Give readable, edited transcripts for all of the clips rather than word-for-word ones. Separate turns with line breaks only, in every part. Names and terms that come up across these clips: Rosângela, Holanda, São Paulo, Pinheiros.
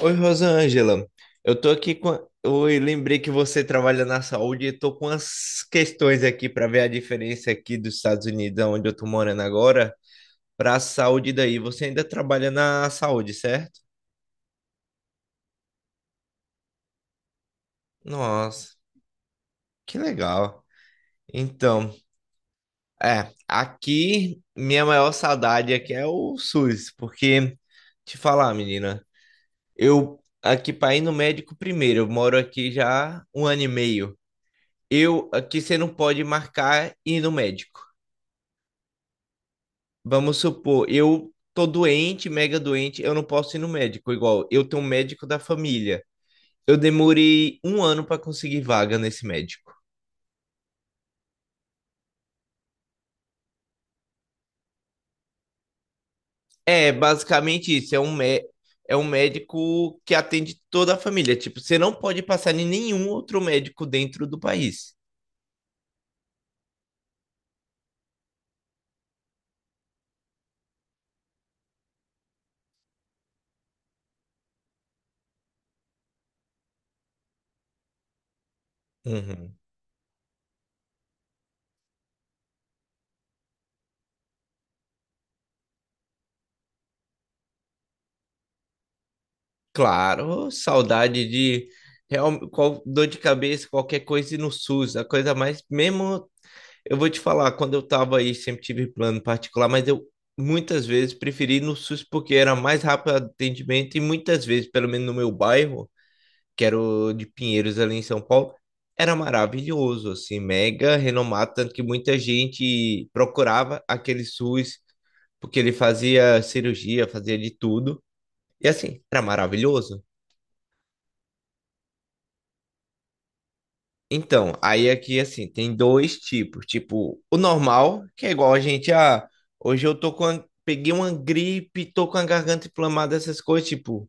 Oi, Rosângela. Eu tô aqui com. Oi, lembrei que você trabalha na saúde e tô com as questões aqui para ver a diferença aqui dos Estados Unidos, onde eu tô morando agora, para a saúde daí. Você ainda trabalha na saúde, certo? Nossa, que legal. Então, é, aqui minha maior saudade aqui é o SUS, porque te falar, menina, eu aqui para ir no médico primeiro, eu moro aqui já um ano e meio. Eu que você não pode marcar ir no médico. Vamos supor, eu tô doente, mega doente, eu não posso ir no médico, igual eu tenho um médico da família. Eu demorei um ano para conseguir vaga nesse médico. É, basicamente isso, é um médico que atende toda a família. Tipo, você não pode passar em nenhum outro médico dentro do país. Uhum. Claro, saudade de real, qual, dor de cabeça, qualquer coisa ir no SUS, a coisa mais, mesmo, eu vou te falar, quando eu tava aí, sempre tive plano particular, mas eu muitas vezes preferi ir no SUS porque era mais rápido o atendimento e muitas vezes, pelo menos no meu bairro, que era o de Pinheiros ali em São Paulo, era maravilhoso, assim, mega renomado, tanto que muita gente procurava aquele SUS porque ele fazia cirurgia, fazia de tudo. E assim, era maravilhoso. Então, aí aqui assim, tem dois tipos. Tipo, o normal, que é igual a gente, ah, hoje eu tô peguei uma gripe, tô com a garganta inflamada, essas coisas, tipo,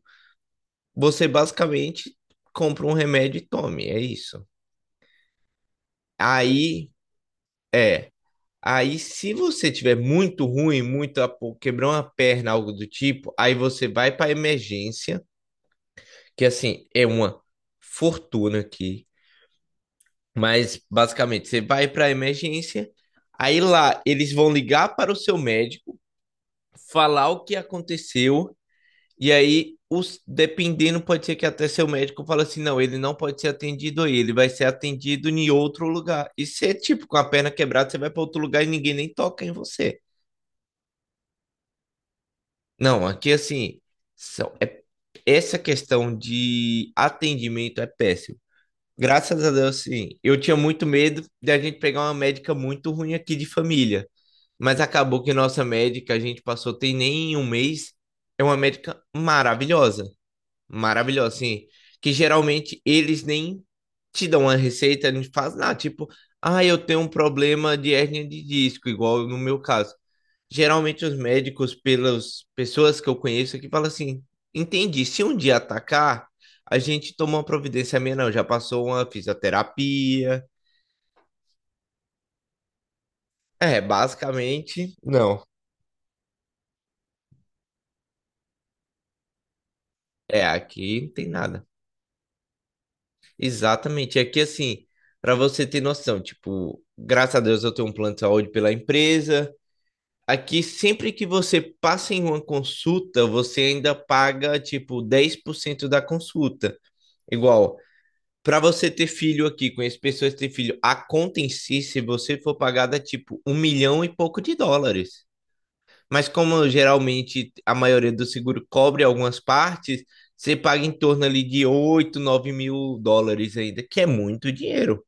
você basicamente compra um remédio e tome, é isso. Aí, é, aí se você tiver muito ruim, muito, ah, pô, quebrou uma perna, algo do tipo, aí você vai pra emergência, que assim, é uma fortuna aqui. Mas basicamente, você vai para a emergência, aí lá eles vão ligar para o seu médico, falar o que aconteceu, e aí os dependendo pode ser que até seu médico fala assim, não, ele não pode ser atendido aí, ele vai ser atendido em outro lugar. E se é tipo com a perna quebrada, você vai para outro lugar e ninguém nem toca em você. Não, aqui assim, são, é, essa questão de atendimento é péssimo. Graças a Deus, sim. Eu tinha muito medo de a gente pegar uma médica muito ruim aqui de família. Mas acabou que nossa médica, a gente passou, tem nem um mês, é uma médica maravilhosa. Maravilhosa, assim. Que geralmente eles nem te dão uma receita, não faz nada. Tipo, ah, eu tenho um problema de hérnia de disco, igual no meu caso. Geralmente os médicos, pelas pessoas que eu conheço aqui, falam assim: entendi, se um dia atacar, a gente toma uma providência. A minha, não. Já passou uma fisioterapia. É, basicamente, não. É, aqui não tem nada. Exatamente. Aqui, assim, para você ter noção, tipo, graças a Deus eu tenho um plano de saúde pela empresa. Aqui, sempre que você passa em uma consulta, você ainda paga, tipo, 10% da consulta. Igual, para você ter filho aqui, conheço pessoas que têm filho, a conta em si, se você for pagar, dá tipo um milhão e pouco de dólares. Mas como geralmente a maioria do seguro cobre algumas partes, você paga em torno ali de 8, 9 mil dólares ainda, que é muito dinheiro.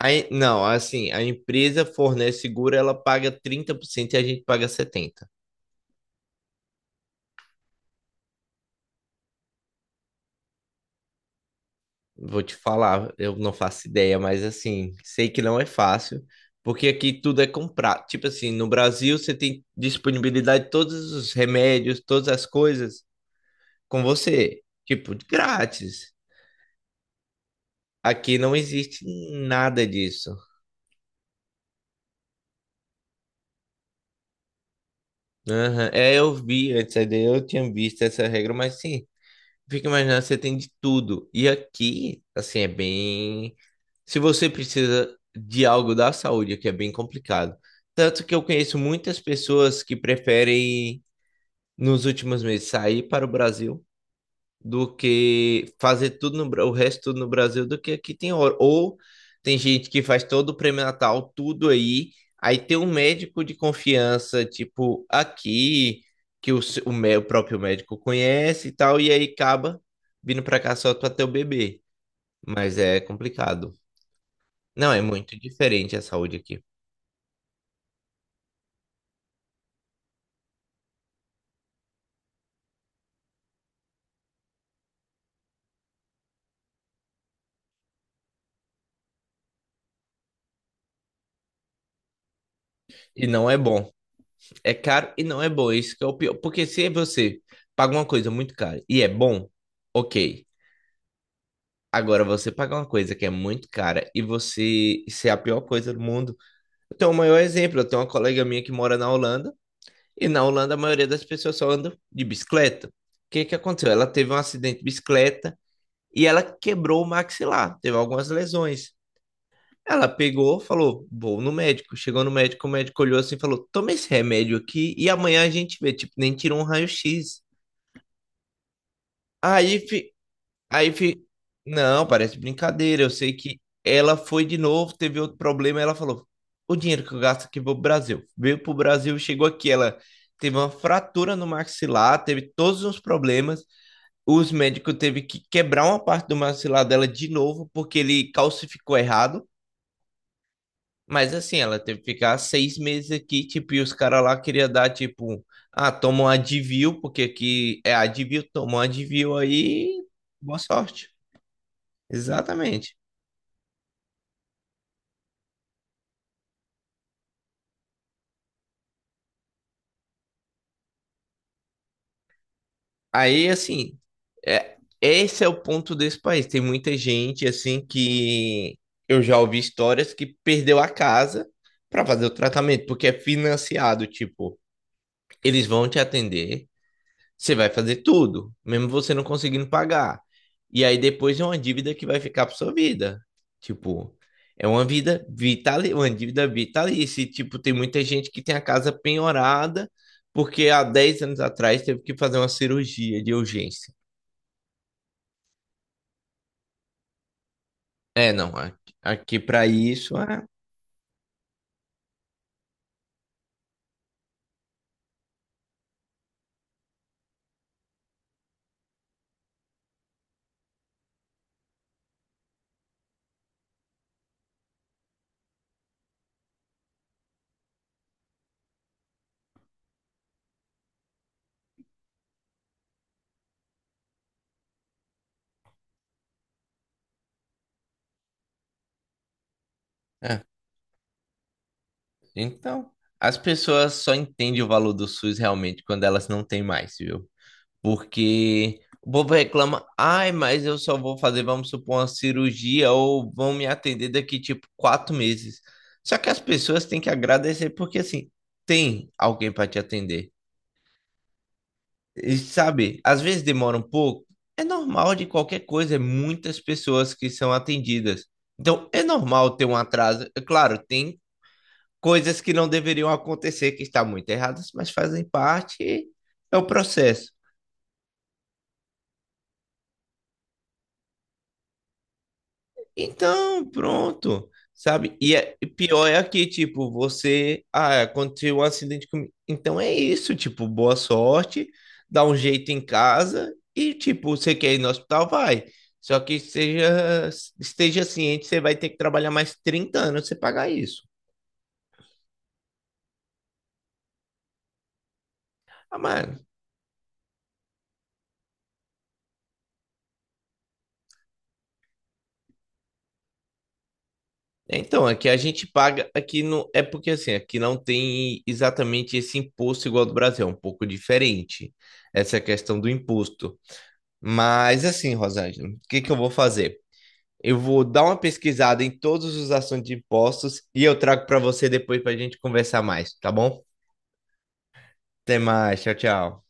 Aí, não, assim, a empresa fornece seguro, ela paga 30% e a gente paga 70%. Vou te falar, eu não faço ideia, mas assim, sei que não é fácil, porque aqui tudo é comprar. Tipo assim, no Brasil você tem disponibilidade de todos os remédios, todas as coisas com você, tipo, de grátis. Aqui não existe nada disso. Aham. É, eu vi antes, aí eu tinha visto essa regra, mas sim, fica imaginando, você tem de tudo. E aqui, assim, é bem. Se você precisa de algo da saúde, aqui é bem complicado. Tanto que eu conheço muitas pessoas que preferem, nos últimos meses, sair para o Brasil do que fazer tudo no, Bra- o resto tudo no Brasil do que aqui tem hora. Ou tem gente que faz todo o pré-natal, tudo aí, aí tem um médico de confiança, tipo, aqui, que o, se- o, mé- o próprio médico conhece e tal, e aí acaba vindo pra cá só pra ter o bebê. Mas é complicado. Não, é muito diferente a saúde aqui. E não é bom. É caro e não é bom. Isso que é o pior. Porque se você paga uma coisa muito cara e é bom, ok. Agora, você pagar uma coisa que é muito cara e você ser a pior coisa do mundo. Eu tenho o maior exemplo. Eu tenho uma colega minha que mora na Holanda e na Holanda a maioria das pessoas só andam de bicicleta. O que que aconteceu? Ela teve um acidente de bicicleta e ela quebrou o maxilar, teve algumas lesões. Ela pegou, falou, vou no médico. Chegou no médico, o médico olhou assim e falou: toma esse remédio aqui e amanhã a gente vê. Tipo, nem tirou um raio-x. Aí fi- Aí fi... Não, parece brincadeira. Eu sei que ela foi de novo, teve outro problema. Ela falou: o dinheiro que eu gasto aqui vou pro Brasil. Veio pro Brasil, chegou aqui. Ela teve uma fratura no maxilar, teve todos os problemas. Os médicos teve que quebrar uma parte do maxilar dela de novo, porque ele calcificou errado. Mas assim, ela teve que ficar 6 meses aqui, tipo, e os caras lá queriam dar, tipo, ah, toma um Advil, porque aqui é Advil, toma um Advil aí, boa sorte. Exatamente. Aí, assim, é, esse é o ponto desse país. Tem muita gente, assim, que eu já ouvi histórias que perdeu a casa para fazer o tratamento, porque é financiado. Tipo, eles vão te atender, você vai fazer tudo, mesmo você não conseguindo pagar. E aí depois é uma dívida que vai ficar para sua vida. Tipo, é uma vida vital, uma dívida vitalícia. E, tipo, tem muita gente que tem a casa penhorada porque há 10 anos atrás teve que fazer uma cirurgia de urgência. É, não. Aqui para isso é. Então, as pessoas só entendem o valor do SUS realmente quando elas não têm mais, viu? Porque o povo reclama, ai, mas eu só vou fazer, vamos supor, uma cirurgia ou vão me atender daqui tipo 4 meses. Só que as pessoas têm que agradecer porque assim tem alguém para te atender. E sabe, às vezes demora um pouco. É normal de qualquer coisa, é muitas pessoas que são atendidas. Então, é normal ter um atraso. É claro, tem coisas que não deveriam acontecer, que está muito erradas, mas fazem parte, é o processo. Então, pronto, sabe? E, é, e pior é aqui, tipo, você, ah, aconteceu um acidente comigo. Então é isso, tipo, boa sorte, dá um jeito em casa e, tipo, você quer ir no hospital, vai. Só que seja, esteja ciente, você vai ter que trabalhar mais 30 anos pra você pagar isso. Ah, mano, Então, aqui a gente paga, aqui não, é porque assim, aqui não tem exatamente esse imposto igual ao do Brasil, é um pouco diferente essa questão do imposto. Mas assim, Rosângela, o que que eu vou fazer? Eu vou dar uma pesquisada em todos os assuntos de impostos e eu trago para você depois para a gente conversar mais, tá bom? Até mais, tchau, tchau.